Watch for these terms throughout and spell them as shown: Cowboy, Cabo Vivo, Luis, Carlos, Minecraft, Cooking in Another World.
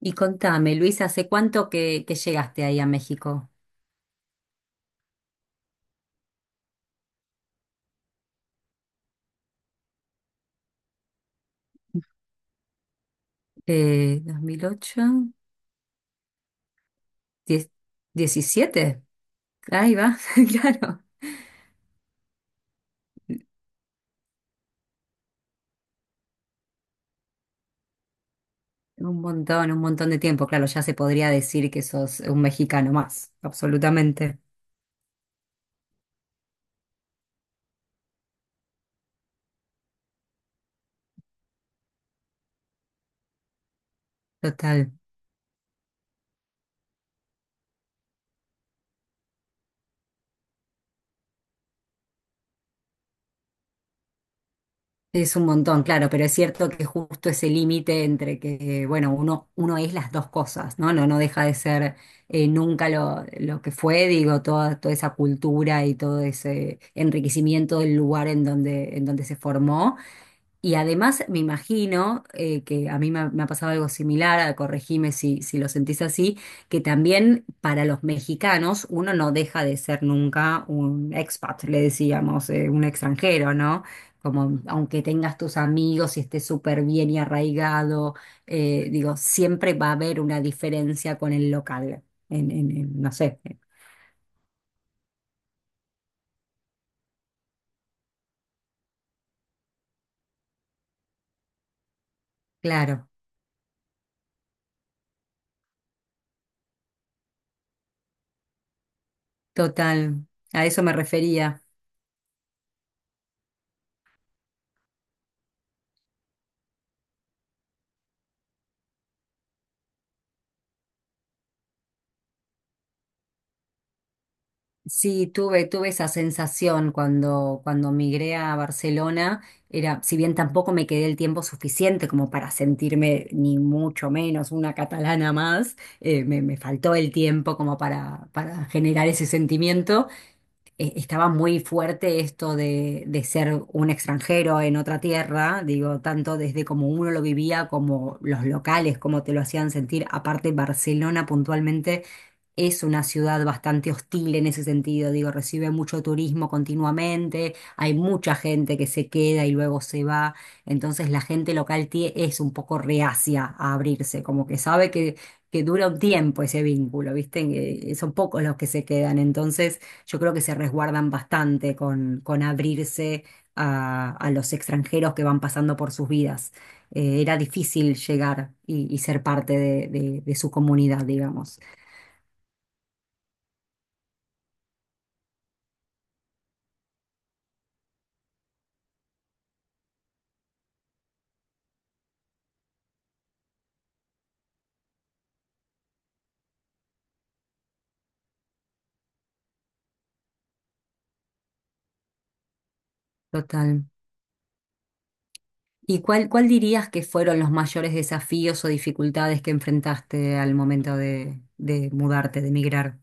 Y contame, Luis, ¿hace cuánto que llegaste ahí a México? ¿Dos mil ocho, ¿Diez- 17? Ahí va, claro. Un montón de tiempo. Claro, ya se podría decir que sos un mexicano más, absolutamente. Total. Es un montón, claro, pero es cierto que justo ese límite entre que, bueno, uno es las dos cosas, ¿no? No deja de ser nunca lo que fue, digo, toda esa cultura y todo ese enriquecimiento del lugar en donde se formó. Y además me imagino que a mí me ha pasado algo similar, corregime si lo sentís así, que también para los mexicanos uno no deja de ser nunca un expat, le decíamos, un extranjero, ¿no? Como aunque tengas tus amigos y estés súper bien y arraigado, digo, siempre va a haber una diferencia con el local, en no sé, claro, total, a eso me refería. Sí, tuve, tuve esa sensación cuando migré a Barcelona. Era, si bien tampoco me quedé el tiempo suficiente como para sentirme ni mucho menos una catalana más, me faltó el tiempo como para generar ese sentimiento, estaba muy fuerte esto de ser un extranjero en otra tierra, digo, tanto desde como uno lo vivía, como los locales, como te lo hacían sentir. Aparte, Barcelona puntualmente es una ciudad bastante hostil en ese sentido, digo, recibe mucho turismo continuamente, hay mucha gente que se queda y luego se va, entonces la gente local es un poco reacia a abrirse, como que sabe que dura un tiempo ese vínculo, ¿viste? Que son pocos los que se quedan, entonces yo creo que se resguardan bastante con abrirse a los extranjeros que van pasando por sus vidas. Era difícil llegar y ser parte de, de su comunidad, digamos. Total. ¿Y cuál, cuál dirías que fueron los mayores desafíos o dificultades que enfrentaste al momento de mudarte, de emigrar?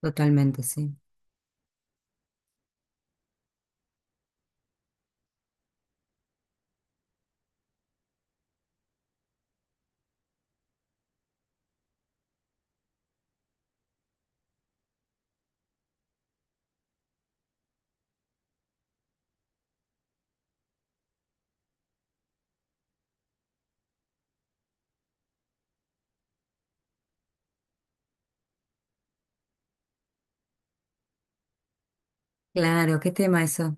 Totalmente, sí. Claro, qué tema eso.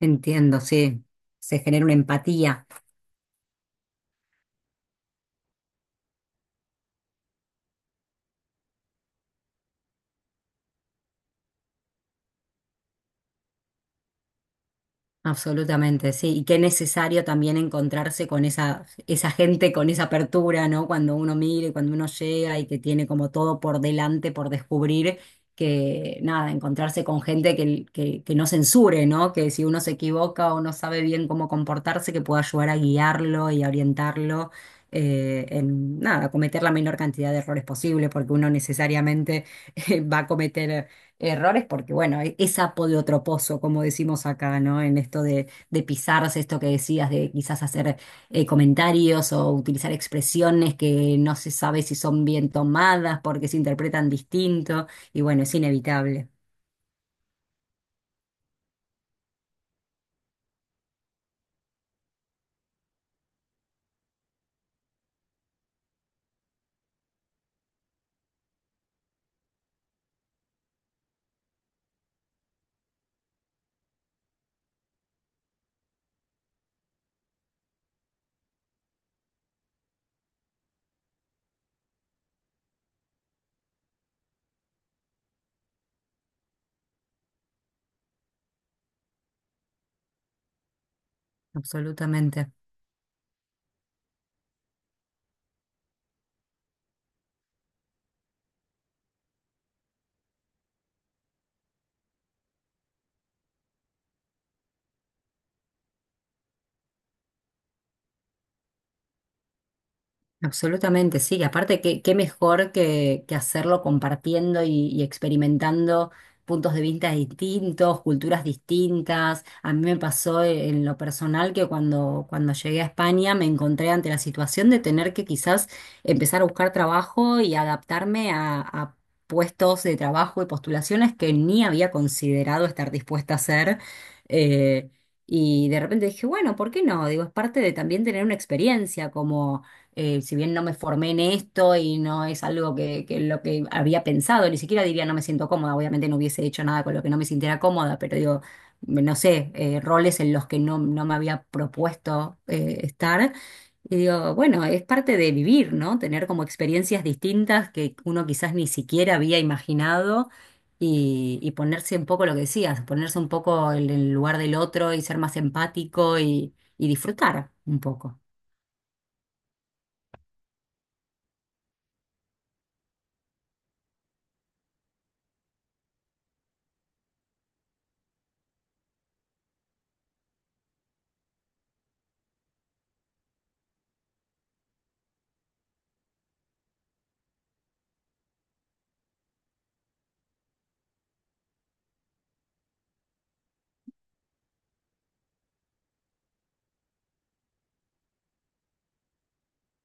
Entiendo, sí. Se genera una empatía. Absolutamente, sí, y qué necesario también encontrarse con esa, esa gente, con esa apertura, ¿no? Cuando uno mira y cuando uno llega y que tiene como todo por delante, por descubrir, que nada, encontrarse con gente que no censure, ¿no? Que si uno se equivoca o no sabe bien cómo comportarse, que pueda ayudar a guiarlo y a orientarlo nada, a cometer la menor cantidad de errores posible, porque uno necesariamente va a cometer errores, porque bueno, es sapo de otro pozo, como decimos acá, ¿no? En esto de pisarse, esto que decías, de quizás hacer comentarios o utilizar expresiones que no se sabe si son bien tomadas porque se interpretan distinto, y bueno, es inevitable, absolutamente. Absolutamente, sí. Aparte, qué, qué mejor que hacerlo compartiendo y experimentando puntos de vista distintos, culturas distintas. A mí me pasó en lo personal que cuando llegué a España me encontré ante la situación de tener que quizás empezar a buscar trabajo y adaptarme a puestos de trabajo y postulaciones que ni había considerado estar dispuesta a hacer. Eh, y de repente dije, bueno, ¿por qué no? Digo, es parte de también tener una experiencia como si bien no me formé en esto y no es algo que lo que había pensado, ni siquiera diría no me siento cómoda, obviamente no hubiese hecho nada con lo que no me sintiera cómoda, pero digo, no sé, roles en los que no me había propuesto estar. Y digo, bueno, es parte de vivir, ¿no? Tener como experiencias distintas que uno quizás ni siquiera había imaginado y ponerse un poco lo que decías, ponerse un poco en el lugar del otro y ser más empático y disfrutar un poco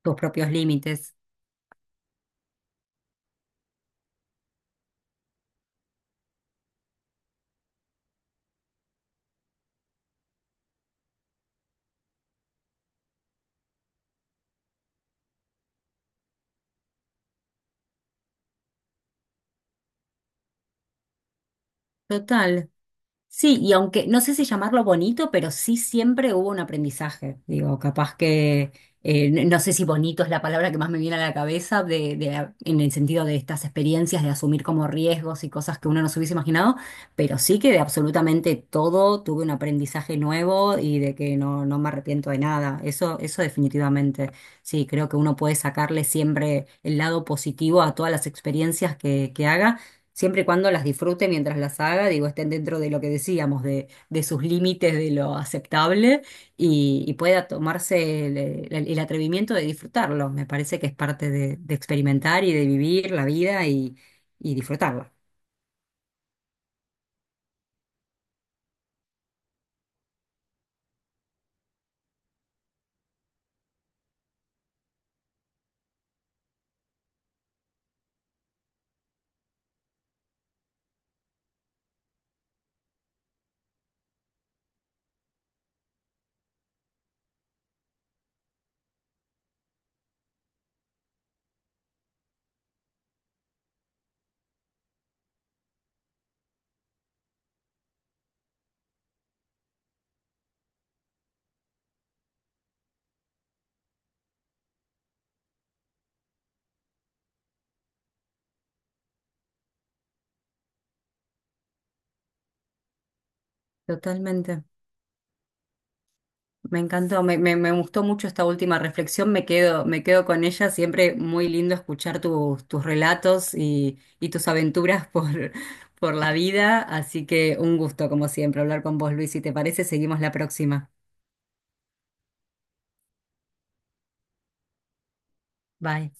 tus propios límites. Total. Sí, y aunque no sé si llamarlo bonito, pero sí siempre hubo un aprendizaje. Digo, capaz que, no sé si bonito es la palabra que más me viene a la cabeza de, en el sentido de estas experiencias, de asumir como riesgos y cosas que uno no se hubiese imaginado, pero sí que de absolutamente todo tuve un aprendizaje nuevo y de que no, no me arrepiento de nada. Eso definitivamente. Sí, creo que uno puede sacarle siempre el lado positivo a todas las experiencias que haga siempre y cuando las disfrute mientras las haga, digo, estén dentro de lo que decíamos, de sus límites, de lo aceptable y pueda tomarse el, el atrevimiento de disfrutarlo. Me parece que es parte de experimentar y de vivir la vida y disfrutarla. Totalmente. Me encantó, me gustó mucho esta última reflexión, me quedo con ella, siempre muy lindo escuchar tus, tus relatos y tus aventuras por la vida, así que un gusto como siempre hablar con vos, Luis, si te parece, seguimos la próxima. Bye.